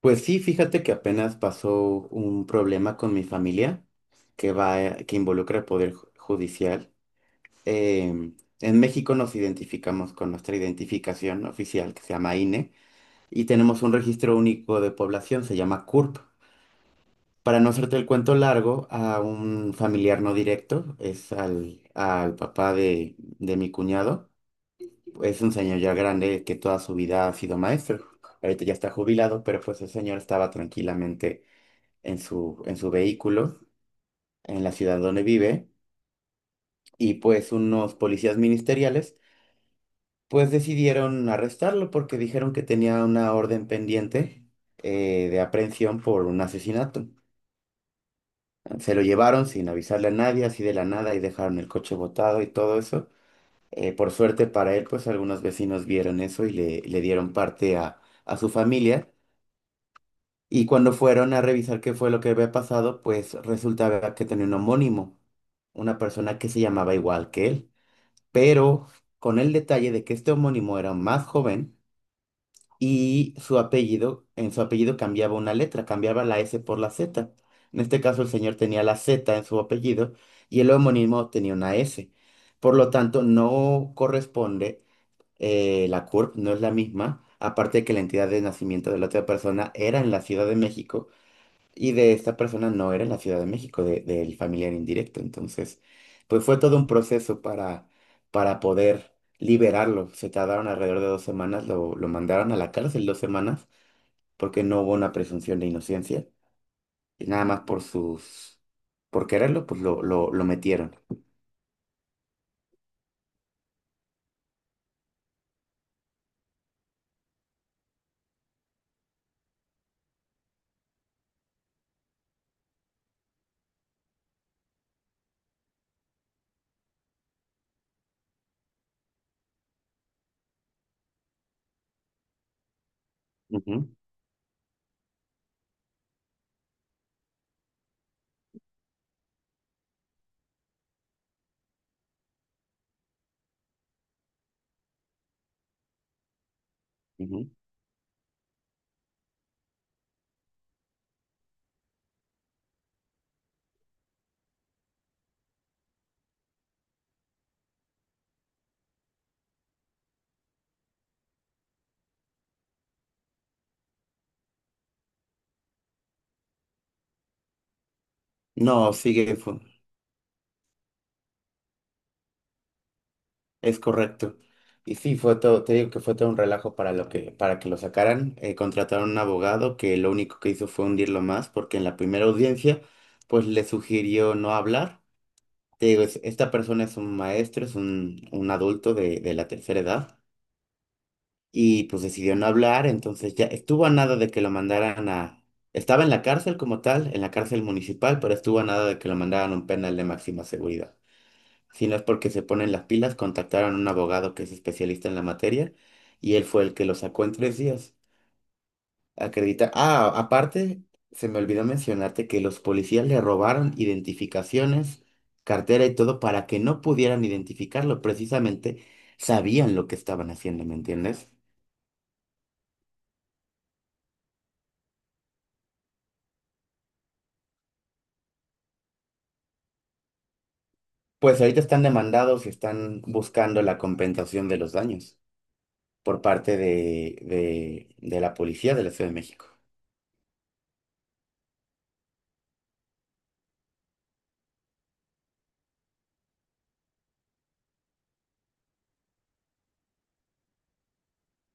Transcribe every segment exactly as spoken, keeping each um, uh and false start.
Pues sí, fíjate que apenas pasó un problema con mi familia que va, eh, que involucra el Poder Ju- Judicial. Em, en México nos identificamos con nuestra identificación oficial que se llama I N E y tenemos un registro único de población, se llama C U R P. Para no hacerte el cuento largo, a un familiar no directo, es al, al papá de, de mi cuñado, es un señor ya grande que toda su vida ha sido maestro. Ahorita ya está jubilado, pero pues el señor estaba tranquilamente en su, en su vehículo en la ciudad donde vive y pues unos policías ministeriales pues decidieron arrestarlo porque dijeron que tenía una orden pendiente eh, de aprehensión por un asesinato. Se lo llevaron sin avisarle a nadie, así de la nada, y dejaron el coche botado y todo eso. Eh, por suerte para él, pues algunos vecinos vieron eso y le, le dieron parte a, a su familia. Y cuando fueron a revisar qué fue lo que había pasado, pues resultaba que tenía un homónimo, una persona que se llamaba igual que él, pero con el detalle de que este homónimo era más joven y su apellido, en su apellido cambiaba una letra, cambiaba la S por la Z. En este caso el señor tenía la Z en su apellido y el homónimo tenía una S. Por lo tanto, no corresponde eh, la C U R P, no es la misma, aparte de que la entidad de nacimiento de la otra persona era en la Ciudad de México y de esta persona no era en la Ciudad de México, de- del familiar indirecto. Entonces, pues fue todo un proceso para, para poder liberarlo. Se tardaron alrededor de dos semanas, lo, lo mandaron a la cárcel dos semanas porque no hubo una presunción de inocencia. Y nada más por sus, por quererlo, pues lo, lo, lo metieron. Ujú, ujú. No, sigue. fu- Es correcto. Y sí, fue todo, te digo que fue todo un relajo para lo que, para que lo sacaran. Eh, contrataron un abogado que lo único que hizo fue hundirlo más, porque en la primera audiencia, pues le sugirió no hablar. Te digo, es- esta persona es un maestro, es un, un adulto de, de la tercera edad, y pues decidió no hablar, entonces ya estuvo a nada de que lo mandaran a… Estaba en la cárcel como tal, en la cárcel municipal, pero estuvo a nada de que lo mandaran a un penal de máxima seguridad. Si no es porque se ponen las pilas, contactaron a un abogado que es especialista en la materia y él fue el que lo sacó en tres días. Acredita. Ah, aparte, se me olvidó mencionarte que los policías le robaron identificaciones, cartera y todo para que no pudieran identificarlo. Precisamente sabían lo que estaban haciendo, ¿me entiendes? Pues ahorita están demandados y están buscando la compensación de los daños por parte de, de, de la policía de la Ciudad de México.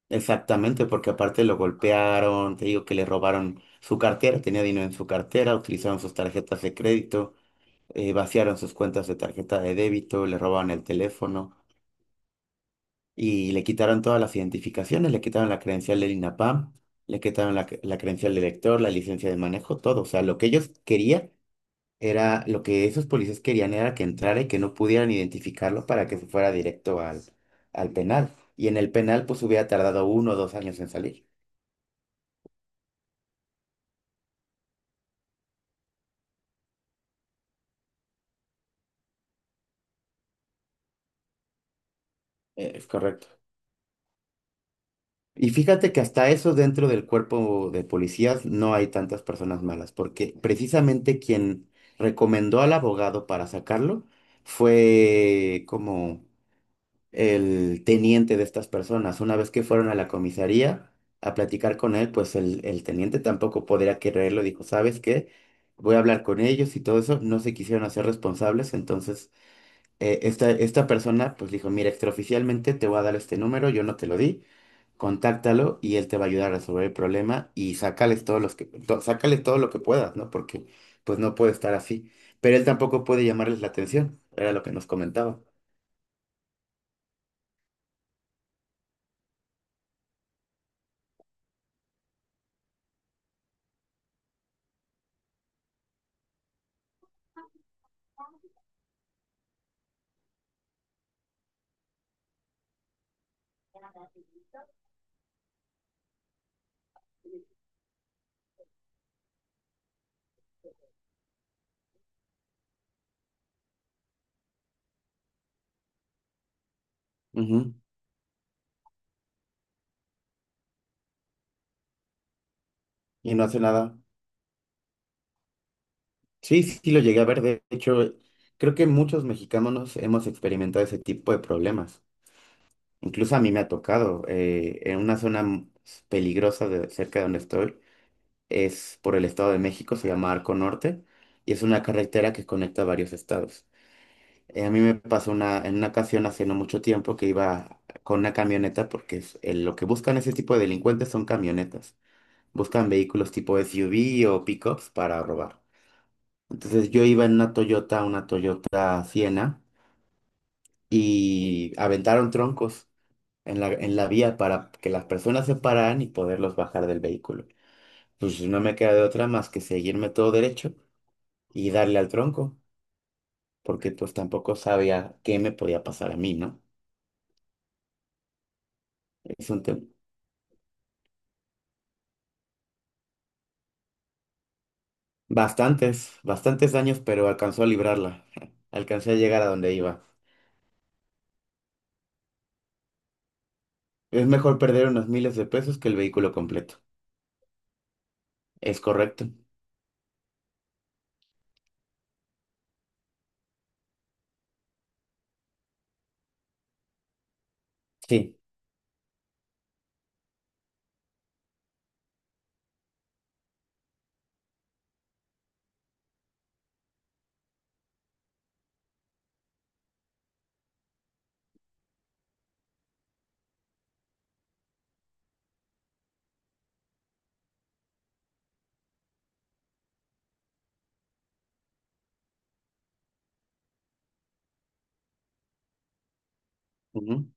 Exactamente, porque aparte lo golpearon, te digo que le robaron su cartera, tenía dinero en su cartera, utilizaron sus tarjetas de crédito, eh, vaciaron sus cuentas de tarjeta de débito, le robaron el teléfono y le quitaron todas las identificaciones, le quitaron la credencial del I N A P A M, le quitaron la, cre- la credencial del lector, la licencia de manejo, todo. O sea, lo que ellos querían era, lo que esos policías querían era que entrara y que no pudieran identificarlo para que se fuera directo al, al penal. Y en el penal pues hubiera tardado uno o dos años en salir. Es correcto. Y fíjate que hasta eso dentro del cuerpo de policías no hay tantas personas malas, porque precisamente quien recomendó al abogado para sacarlo fue como el teniente de estas personas. Una vez que fueron a la comisaría a platicar con él, pues el, el teniente tampoco podría quererlo. Dijo, ¿sabes qué? Voy a hablar con ellos y todo eso. No se quisieron hacer responsables, entonces eh, esta, esta persona pues dijo, mira, extraoficialmente te voy a dar este número, yo no te lo di, contáctalo y él te va a ayudar a resolver el problema y sácales todos los que, to- sácale todo lo que puedas, ¿no? Porque pues no puede estar así. Pero él tampoco puede llamarles la atención, era lo que nos comentaba. Ujú. Y no hace nada. Sí, sí, sí lo llegué a ver. De hecho, creo que muchos mexicanos hemos experimentado ese tipo de problemas. Incluso a mí me ha tocado eh, en una zona m- peligrosa de cerca de donde estoy. Es por el Estado de México, se llama Arco Norte, y es una carretera que conecta varios estados. Eh, a mí me pasó una, en una ocasión hace no mucho tiempo que iba con una camioneta, porque es- eh, lo que buscan ese tipo de delincuentes son camionetas. Buscan vehículos tipo S U V o pickups para robar. Entonces yo iba en una Toyota, una Toyota Siena, y aventaron troncos en la, en la vía para que las personas se pararan y poderlos bajar del vehículo. Pues no me queda de otra más que seguirme todo derecho y darle al tronco, porque pues tampoco sabía qué me podía pasar a mí, ¿no? Es un tema. Bastantes, bastantes daños, pero alcanzó a librarla. Alcancé a llegar a donde iba. Es mejor perder unos miles de pesos que el vehículo completo. Es correcto. Sí. Ujú,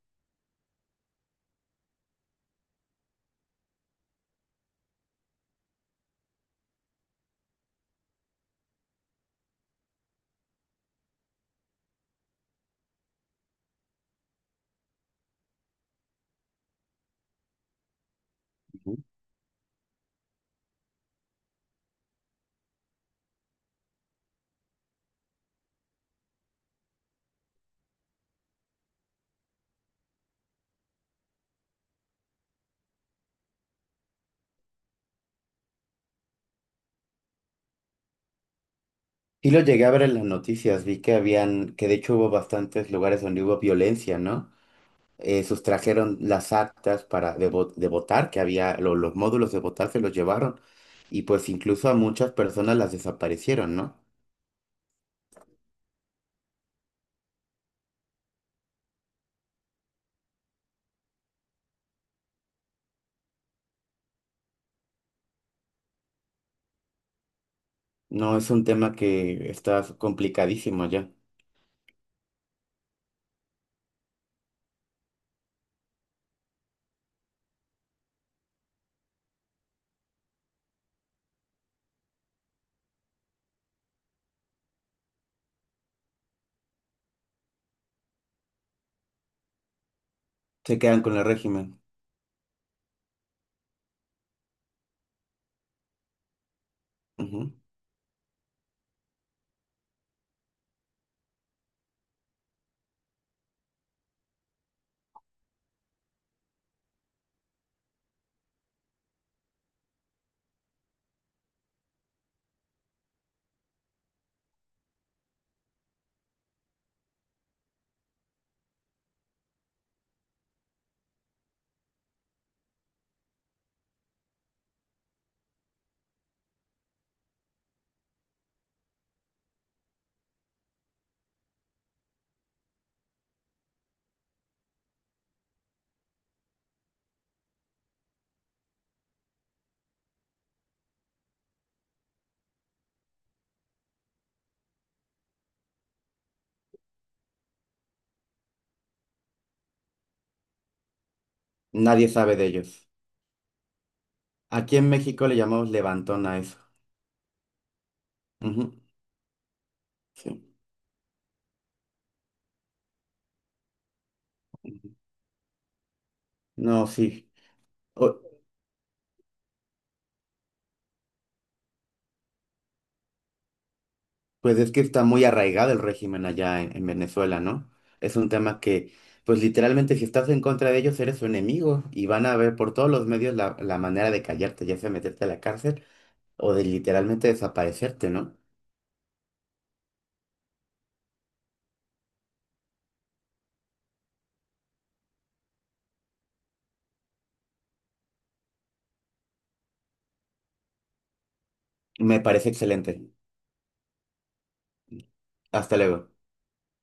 ujú. Sí lo llegué a ver en las noticias, vi que habían, que de hecho hubo bastantes lugares donde hubo violencia, ¿no? eh, sustrajeron las actas para de, vo- de votar, que había lo- los módulos de votar se los llevaron y pues incluso a muchas personas las desaparecieron, ¿no? No es un tema que está complicadísimo ya. Se quedan con el régimen. Ujú. Nadie sabe de ellos. Aquí en México le llamamos levantón a eso. Ujú. Sí. Ujú. No, sí. O- Pues es que está muy arraigado el régimen allá en, en Venezuela, ¿no? Es un tema que, pues literalmente si estás en contra de ellos eres su enemigo y van a ver por todos los medios la, la manera de callarte, ya sea meterte a la cárcel o de literalmente desaparecerte, ¿no? Me parece excelente. Hasta luego.